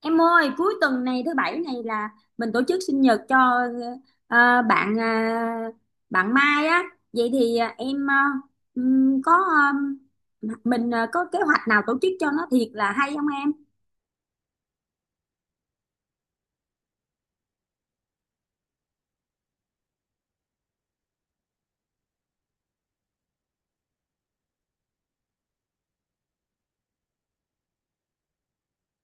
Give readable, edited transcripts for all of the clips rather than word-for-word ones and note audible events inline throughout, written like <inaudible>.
Em ơi, cuối tuần này thứ bảy này là mình tổ chức sinh nhật cho ờ, bạn ờ, bạn Mai á. Vậy thì ừm, có ờ, mình có kế hoạch nào tổ chức cho nó thiệt là hay không em?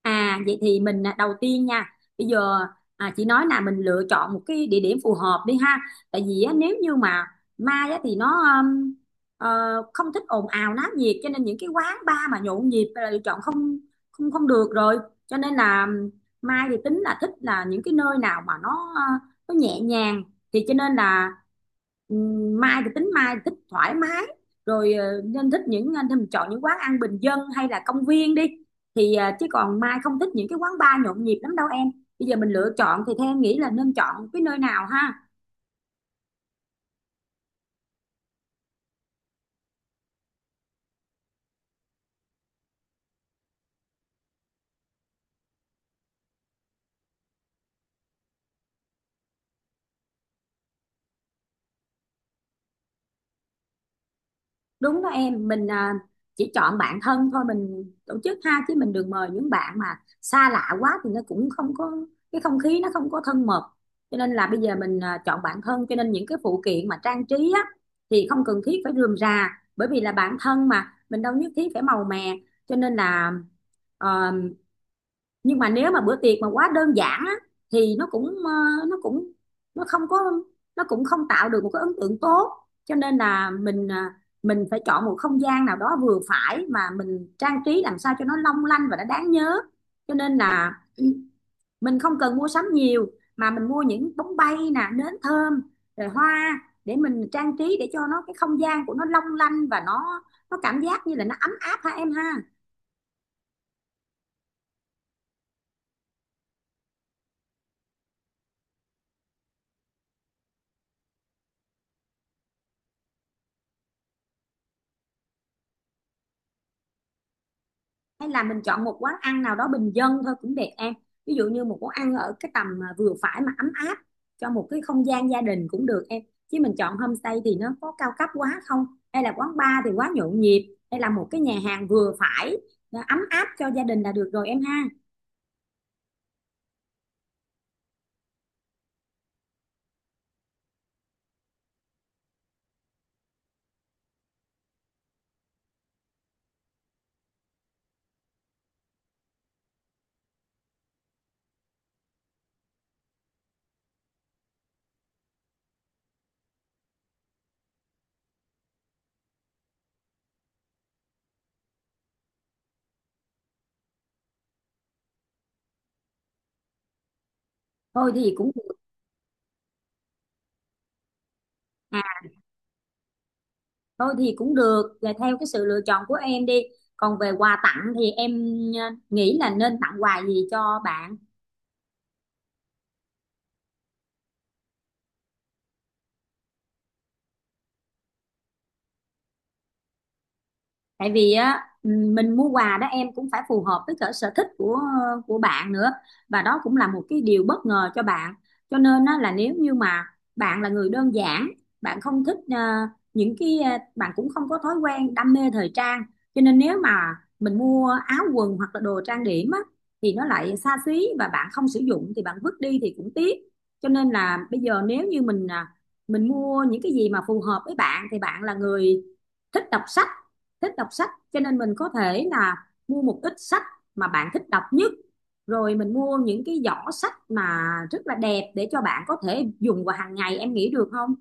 À vậy thì mình đầu tiên nha, bây giờ chị nói là mình lựa chọn một cái địa điểm phù hợp đi ha, tại vì á, nếu như mà mai á, thì nó um, ờ, không thích ồn ào náo nhiệt, cho nên những cái quán bar mà nhộn nhịp là lựa chọn không không không được rồi. Cho nên là mai thì tính là thích là những cái nơi nào mà nó nhẹ nhàng. Thì cho nên là mai thì thích thoải mái, rồi nên mình chọn những quán ăn bình dân hay là công viên đi, thì chứ còn Mai không thích những cái quán bar nhộn nhịp lắm đâu em. Bây giờ mình lựa chọn thì theo em nghĩ là nên chọn cái nơi nào ha? Đúng đó em, mình chỉ chọn bạn thân thôi mình tổ chức ha, chứ mình đừng mời những bạn mà xa lạ quá thì nó cũng không có cái không khí, nó không có thân mật. Cho nên là bây giờ mình chọn bạn thân, cho nên những cái phụ kiện mà trang trí á thì không cần thiết phải rườm rà, bởi vì là bạn thân mà mình đâu nhất thiết phải màu mè. Cho nên là ờ, nhưng mà nếu mà bữa tiệc mà quá đơn giản á, thì nó cũng ờ, nó cũng nó không có nó cũng không tạo được một cái ấn tượng tốt. Cho nên là mình mình phải chọn một không gian nào đó vừa phải mà mình trang trí làm sao cho nó long lanh và nó đáng nhớ. Cho nên là <clears throat> mình không cần mua sắm nhiều, mà mình mua những bóng bay nè, nến thơm rồi hoa để mình trang trí, để cho nó cái không gian của nó long lanh và nó cảm giác như là nó ấm áp ha em ha. Hay là mình chọn một quán ăn nào đó bình dân thôi cũng đẹp em, ví dụ như một quán ăn ở cái tầm mà vừa phải mà ấm áp, cho một cái không gian gia đình cũng được em. Chứ mình chọn homestay thì nó có cao cấp quá không, hay là quán bar thì quá nhộn nhịp, hay là một cái nhà hàng vừa phải nó ấm áp cho gia đình là được rồi em ha. thôi thì cũng được à Thôi thì cũng được, là theo cái sự lựa chọn của em đi. Còn về quà tặng thì em nghĩ là nên tặng quà gì cho bạn? Tại vì á, mình mua quà đó em cũng phải phù hợp với cả sở thích của bạn nữa, và đó cũng là một cái điều bất ngờ cho bạn. Cho nên á là nếu như mà bạn là người đơn giản, bạn không thích bạn cũng không có thói quen đam mê thời trang, cho nên nếu mà mình mua áo quần hoặc là đồ trang điểm á thì nó lại xa xí và bạn không sử dụng thì bạn vứt đi thì cũng tiếc. Cho nên là bây giờ nếu như mình mình mua những cái gì mà phù hợp với bạn, thì bạn là người thích đọc sách, thích đọc sách, cho nên mình có thể là mua một ít sách mà bạn thích đọc nhất, rồi mình mua những cái giỏ sách mà rất là đẹp để cho bạn có thể dùng vào hàng ngày, em nghĩ được không?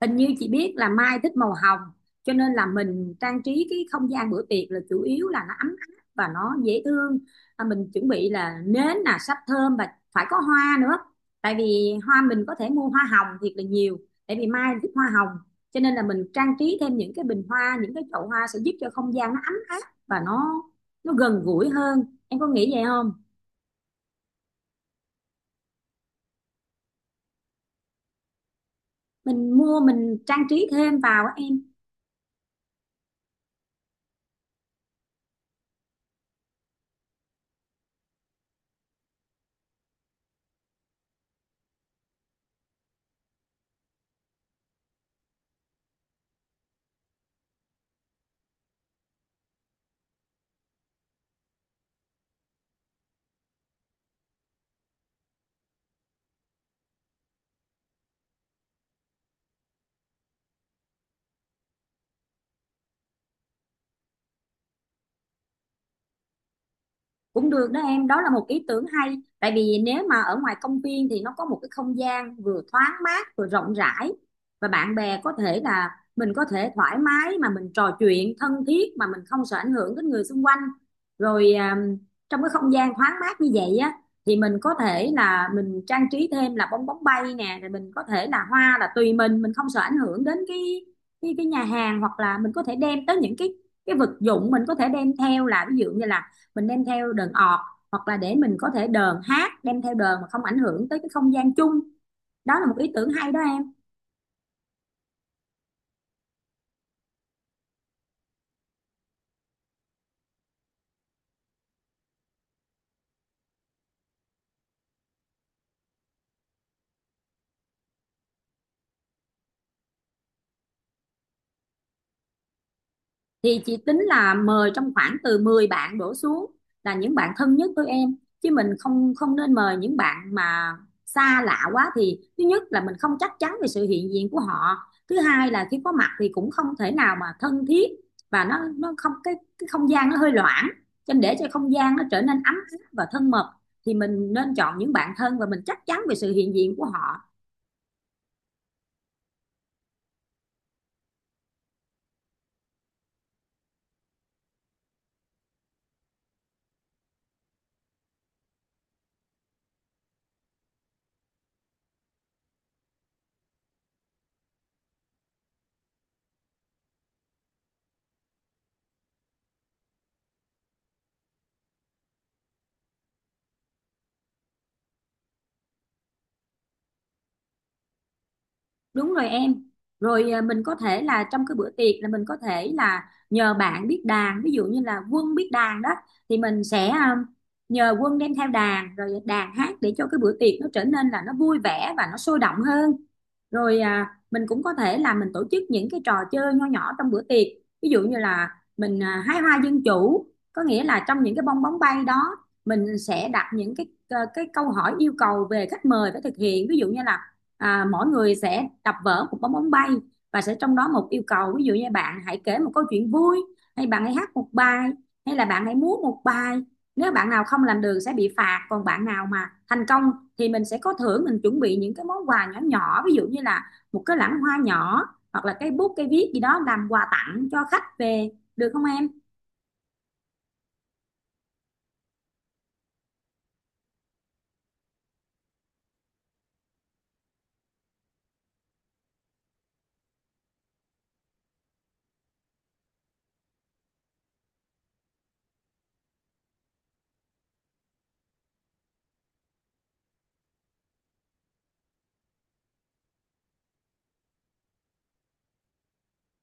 Hình như chị biết là Mai thích màu hồng, cho nên là mình trang trí cái không gian bữa tiệc là chủ yếu là nó ấm áp và nó dễ thương. Mình chuẩn bị là nến, là sáp thơm, và phải có hoa nữa, tại vì hoa mình có thể mua hoa hồng thiệt là nhiều, tại vì Mai thích hoa hồng. Cho nên là mình trang trí thêm những cái bình hoa, những cái chậu hoa, sẽ giúp cho không gian nó ấm áp và nó gần gũi hơn, em có nghĩ vậy không? Mình mua, mình trang trí thêm vào á em. Cũng được đó em, đó là một ý tưởng hay, tại vì nếu mà ở ngoài công viên thì nó có một cái không gian vừa thoáng mát vừa rộng rãi, và bạn bè có thể là mình có thể thoải mái mà mình trò chuyện thân thiết, mà mình không sợ ảnh hưởng đến người xung quanh. Rồi trong cái không gian thoáng mát như vậy á thì mình có thể là mình trang trí thêm là bong bóng bay nè, rồi mình có thể là hoa là tùy mình không sợ ảnh hưởng đến cái nhà hàng, hoặc là mình có thể đem tới những cái vật dụng mình có thể đem theo, là ví dụ như là mình đem theo đờn ọt, hoặc là để mình có thể đờn hát, đem theo đờn mà không ảnh hưởng tới cái không gian chung. Đó là một ý tưởng hay đó em. Thì chị tính là mời trong khoảng từ 10 bạn đổ xuống, là những bạn thân nhất với em, chứ mình không không nên mời những bạn mà xa lạ quá, thì thứ nhất là mình không chắc chắn về sự hiện diện của họ, thứ hai là khi có mặt thì cũng không thể nào mà thân thiết, và nó không cái, cái không gian nó hơi loãng. Cho nên để cho không gian nó trở nên ấm áp và thân mật, thì mình nên chọn những bạn thân và mình chắc chắn về sự hiện diện của họ. Đúng rồi em. Rồi mình có thể là trong cái bữa tiệc là mình có thể là nhờ bạn biết đàn, ví dụ như là Quân biết đàn đó, thì mình sẽ nhờ Quân đem theo đàn rồi đàn hát, để cho cái bữa tiệc nó trở nên là nó vui vẻ và nó sôi động hơn. Rồi mình cũng có thể là mình tổ chức những cái trò chơi nho nhỏ trong bữa tiệc, ví dụ như là mình hái hoa dân chủ, có nghĩa là trong những cái bong bóng bay đó mình sẽ đặt những cái câu hỏi yêu cầu về khách mời phải thực hiện. Ví dụ như là mỗi người sẽ đập vỡ một bong bóng bay, và sẽ trong đó một yêu cầu, ví dụ như bạn hãy kể một câu chuyện vui, hay bạn hãy hát một bài, hay là bạn hãy múa một bài. Nếu bạn nào không làm được sẽ bị phạt, còn bạn nào mà thành công thì mình sẽ có thưởng, mình chuẩn bị những cái món quà nhỏ nhỏ, ví dụ như là một cái lẵng hoa nhỏ, hoặc là cái bút cái viết gì đó làm quà tặng cho khách về, được không em?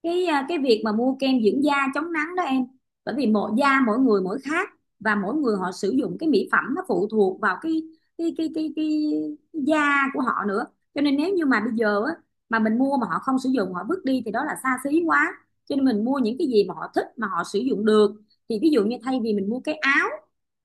Cái việc mà mua kem dưỡng da chống nắng đó em, bởi vì mỗi da mỗi người mỗi khác, và mỗi người họ sử dụng cái mỹ phẩm nó phụ thuộc vào cái da của họ nữa. Cho nên nếu như mà bây giờ á, mà mình mua mà họ không sử dụng họ vứt đi thì đó là xa xí quá. Cho nên mình mua những cái gì mà họ thích mà họ sử dụng được, thì ví dụ như thay vì mình mua cái áo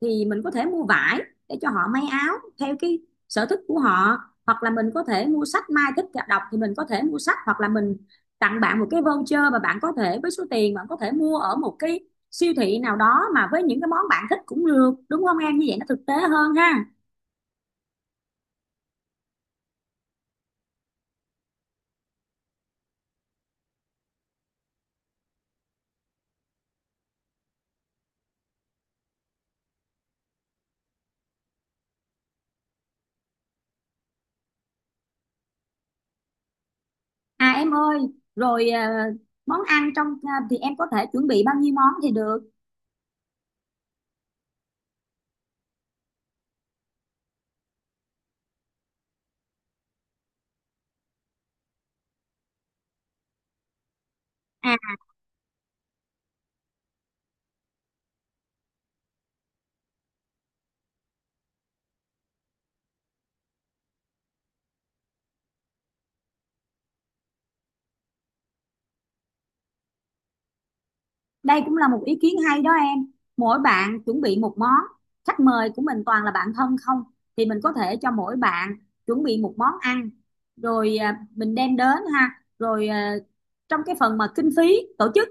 thì mình có thể mua vải để cho họ may áo theo cái sở thích của họ, hoặc là mình có thể mua sách, Mai thích đọc thì mình có thể mua sách, hoặc là mình tặng bạn một cái voucher mà bạn có thể với số tiền bạn có thể mua ở một cái siêu thị nào đó, mà với những cái món bạn thích cũng được, đúng không em? Như vậy nó thực tế hơn ha. À em ơi, rồi món ăn trong thì em có thể chuẩn bị bao nhiêu món thì được? À, đây cũng là một ý kiến hay đó em. Mỗi bạn chuẩn bị một món, khách mời của mình toàn là bạn thân không, thì mình có thể cho mỗi bạn chuẩn bị một món ăn, rồi mình đem đến ha. Rồi trong cái phần mà kinh phí tổ chức,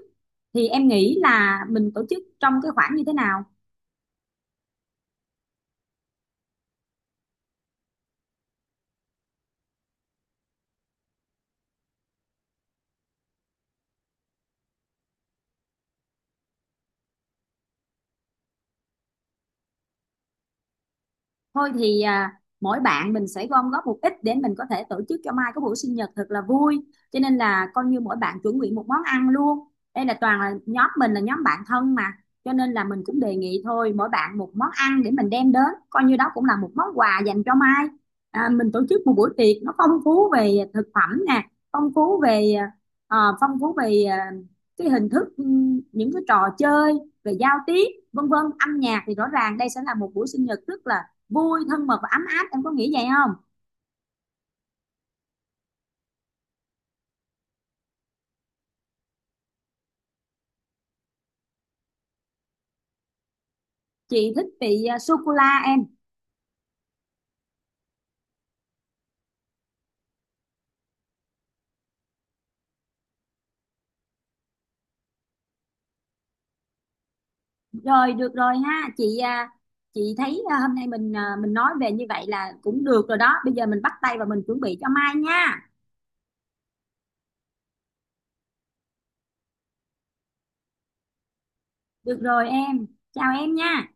thì em nghĩ là mình tổ chức trong cái khoản như thế nào? Thôi thì mỗi bạn mình sẽ gom góp một ít để mình có thể tổ chức cho Mai có buổi sinh nhật thật là vui, cho nên là coi như mỗi bạn chuẩn bị một món ăn luôn. Đây là toàn là nhóm mình, là nhóm bạn thân mà, cho nên là mình cũng đề nghị thôi mỗi bạn một món ăn để mình đem đến, coi như đó cũng là một món quà dành cho Mai. Mình tổ chức một buổi tiệc nó phong phú về thực phẩm nè, phong phú về ờ, phong phú về ờ, cái hình thức, những cái trò chơi, về giao tiếp, vân vân, âm nhạc, thì rõ ràng đây sẽ là một buổi sinh nhật rất là vui, thân mật và ấm áp, em có nghĩ vậy không? Chị thích vị sô cô la em. Rồi được rồi ha chị à, chị thấy hôm nay mình mình nói về như vậy là cũng được rồi đó, bây giờ mình bắt tay và mình chuẩn bị cho mai nha. Được rồi em, chào em nha.